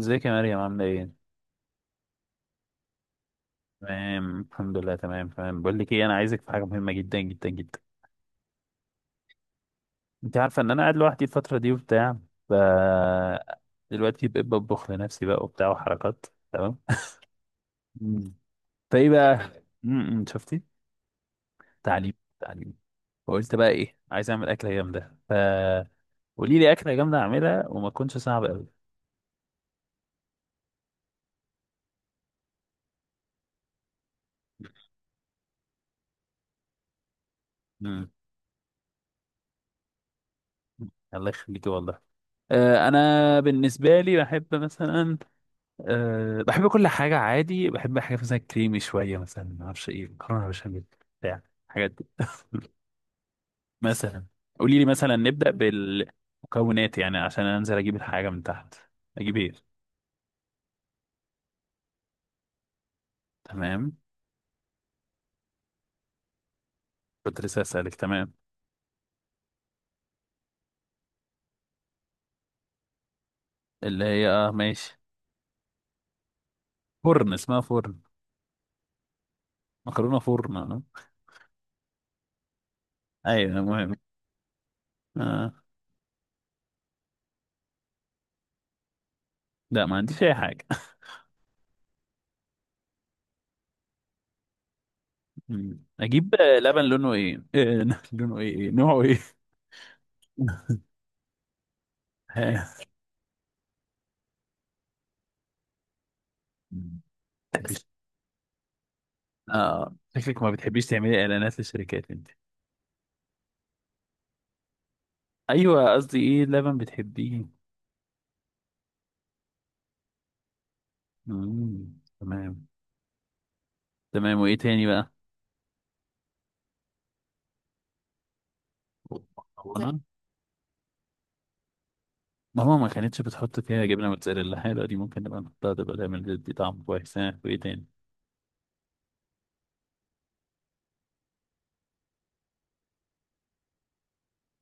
ازيك يا مريم، عاملة ايه؟ تمام الحمد لله، تمام تمام. بقول لك ايه، انا عايزك في حاجة مهمة جدا جدا جدا. انت عارفة ان انا قاعد لوحدي الفترة دي وبتاع. ف دلوقتي بقيت بطبخ لنفسي بقى وبتاع وحركات. تمام. مم. فايه بقى؟ شفتي؟ تعليم تعليم. فقلت بقى ايه، عايز اعمل أكلة جامدة. قولي لي أكلة جامدة اعملها وما تكونش صعبة قوي. امم. الله يخليكي والله. انا بالنسبه لي بحب مثلا. بحب كل حاجة عادي، بحب حاجات مثلا كريمي شوية، مثلا ما اعرفش ايه، مكرونة بشاميل بتاع الحاجات دي مثلا قولي لي، مثلا نبدأ بالمكونات يعني عشان انزل اجيب الحاجة من تحت. اجيب ايه؟ تمام، كنت لسه اسألك. تمام، اللي هي اه ماشي. فرن، اسمها فرن. مكرونة فرن آه. ايوه المهم. آه. لا، ما عنديش اي حاجة مم. اجيب لبن لونه ايه، لونه ايه، إيه؟ نوعه ايه؟ ها. اه، شكلك ما بتحبيش تعملي اعلانات للشركات انت. ايوه، قصدي ايه لبن بتحبيه. مم. تمام تمام. وايه تاني بقى؟ مكرونه ماما ما كانتش بتحط فيها جبنه موتزاريلا حلوه دي، ممكن نبقى نحطها تبقى تعمل دي طعم كويس. ها وايه تاني؟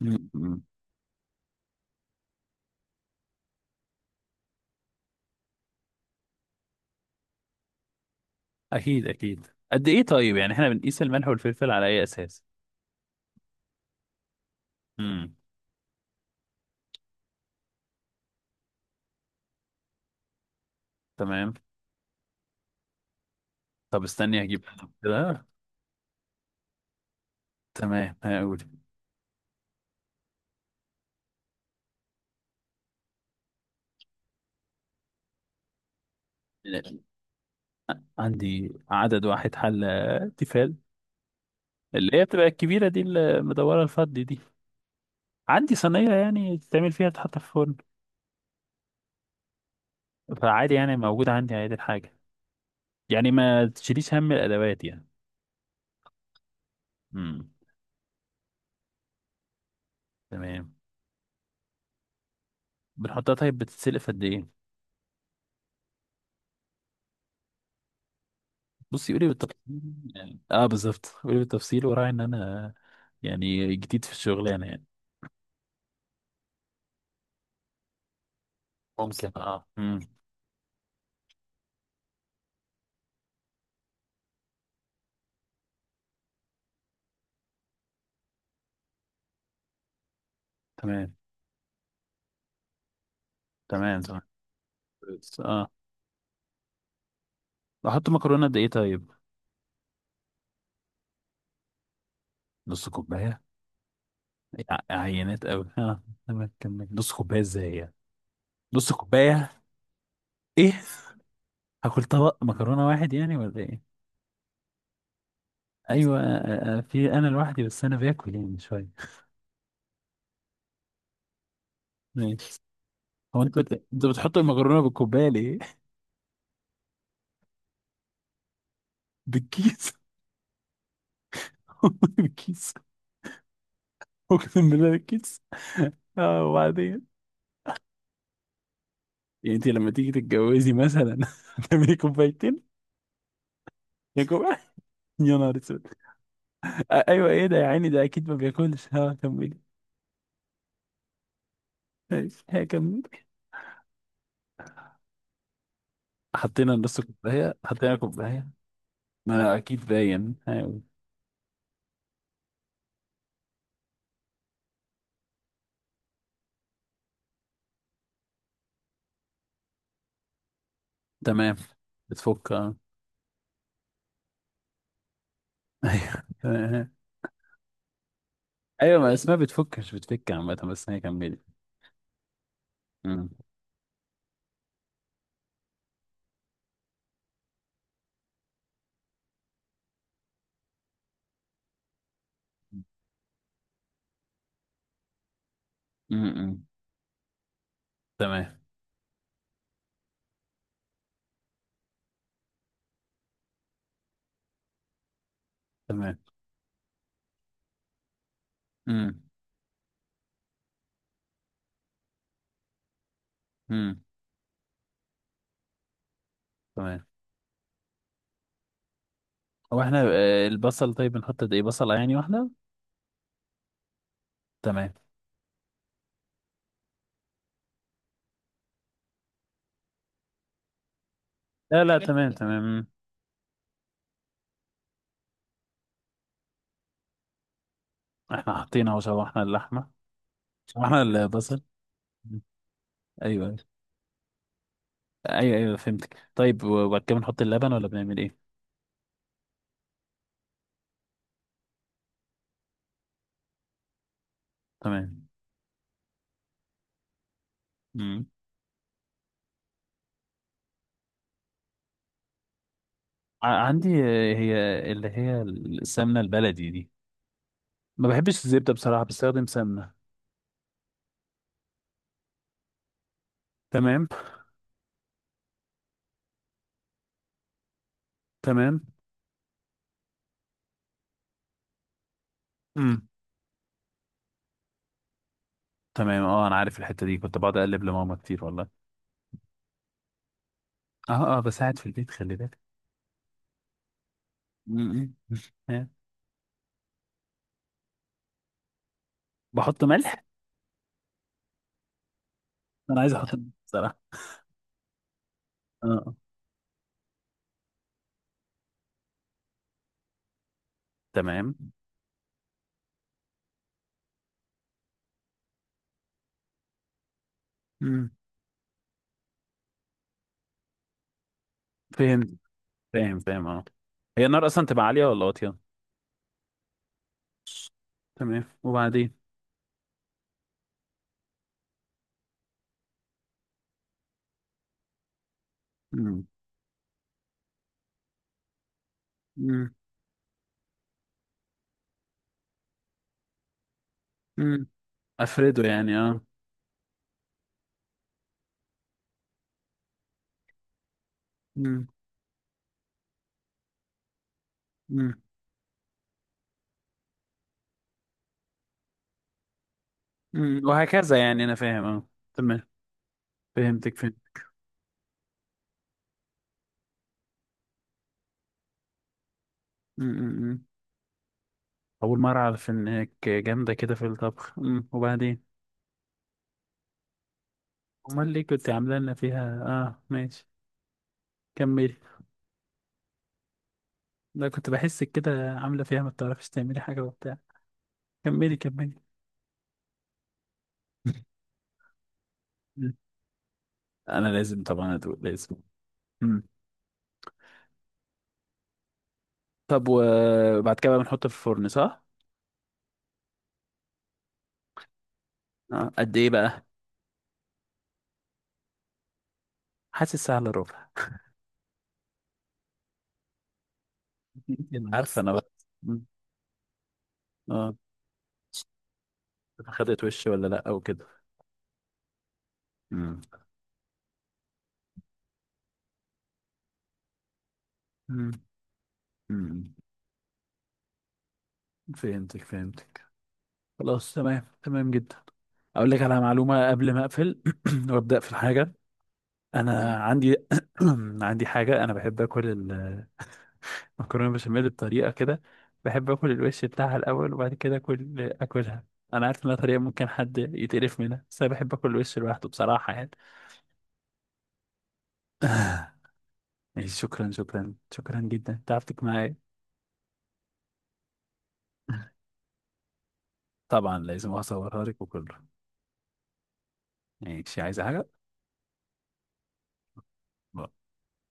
مم. مم. اكيد اكيد. قد ايه طيب؟ يعني احنا بنقيس الملح والفلفل على اي اساس؟ امم. تمام، طب استني هجيب. كده تمام، هقول. عندي عدد واحد حلة تيفال اللي هي بتبقى الكبيرة دي، المدورة الفضي دي. عندي صينية يعني تتعمل فيها، تتحط في الفرن. فعادي، يعني موجود عندي عادي الحاجة، يعني ما تشيليش هم الأدوات يعني. امم. تمام. بنحطها طيب، بتتسلق في قد إيه؟ بصي قولي بالتفصيل. يعني، اه بالظبط، قولي بالتفصيل وراعي إن أنا يعني جديد في الشغلانة يعني. ممكن اه امم. تمام تمام تمام. بس، اه. احط مكرونه قد ايه طيب؟ نص كوبايه؟ ع- عينات قوي اه. تمام، كمل. نص كوبايه ازاي يعني؟ نص كوبايه؟ ايه. هاكل طبق مكرونه واحد يعني ولا ايه؟ ايوه في انا لوحدي بس انا باكل يعني شويه. ماشي. هو انت بت... انت بتحط المكرونه بالكوبايه ليه؟ بالكيس. بالكيس. اقسم بالله، بالكيس. اه وبعدين، يعني انت لما تيجي تتجوزي مثلا تعملي كوبايتين، يا كوبايه؟ يا نهار اسود. ايوه ايه ده يا عيني، ده اكيد ما بياكلش. ها كملي. ماشي ها كملي. حطينا نص كوبايه، حطينا كوبايه. ما اكيد باين. ايوه تمام، بتفك اه. ايوه ايوه، ما اسمها بتفكش، بتفك عامة، بس هي كملت. أمم، أمم، أمم. تمام تمام. أمم، أمم. تمام. هو احنا البصل طيب بنحط قد ايه، بصلة يعني واحدة؟ تمام. لا لا تمام تمام. مم. احنا حاطين اهو، شوحنا اللحمة، شوحنا البصل. أمم، ايوه ايوه ايوه فهمتك. طيب وبعد كده بنحط اللبن ولا بنعمل ايه؟ تمام. أمم. ع- عندي هي اللي هي السمنة البلدي دي. ما بحبش الزبدة بصراحة، بستخدم سمنة. تمام تمام. مم. تمام اه، انا عارف الحته دي، كنت بقعد اقلب لماما كتير والله. اه اه بساعد في البيت خلي بالك. مم. آه. بحط ملح. انا عايز احط ملح بصراحه. اه آه. تمام. مم. فهمت. فاهم فاهم اه. هي النار اصلا تبقى عاليه ولا واطيه؟ تمام وبعدين. مم. مم. مم. افرده يعني اه. مم. مم. مم. وهكذا يعني انا فاهم اه. تمام. فهمتك فهمت. مم. اول مره اعرف انك جامده كده في الطبخ. أمم، وبعدين. امال ليه كنت عامله لنا فيها اه، ماشي كملي. لا كنت بحسك كده عاملة فيها ما بتعرفيش تعملي حاجة وبتاع. كملي كملي. مم. انا لازم طبعا ادوق لازم. مم. طب وبعد كده بقى بنحطه في الفرن صح؟ آه. قد ايه بقى؟ حاسس سهل، ربع. يلا. عارفه انا بقى. مم. اه. خدت وش ولا لا او كده. مم. مم. مم. فهمتك فهمتك. خلاص تمام تمام جدا. اقول لك على معلومه قبل ما اقفل وابدا في الحاجه. انا عندي عندي حاجه انا بحب اكل مكرونه بشاميل بطريقه كده. بحب اكل الوش بتاعها الاول وبعد كده اكل اكلها. انا عارف انها طريقه ممكن حد يتقرف منها، بس انا بحب اكل الوش لوحده بصراحه يعني. آه، ماشي. شكرا شكرا شكرا جدا، تعبتك معايا. طبعا لازم اصورها لك وكله. ماشي، عايزه حاجه؟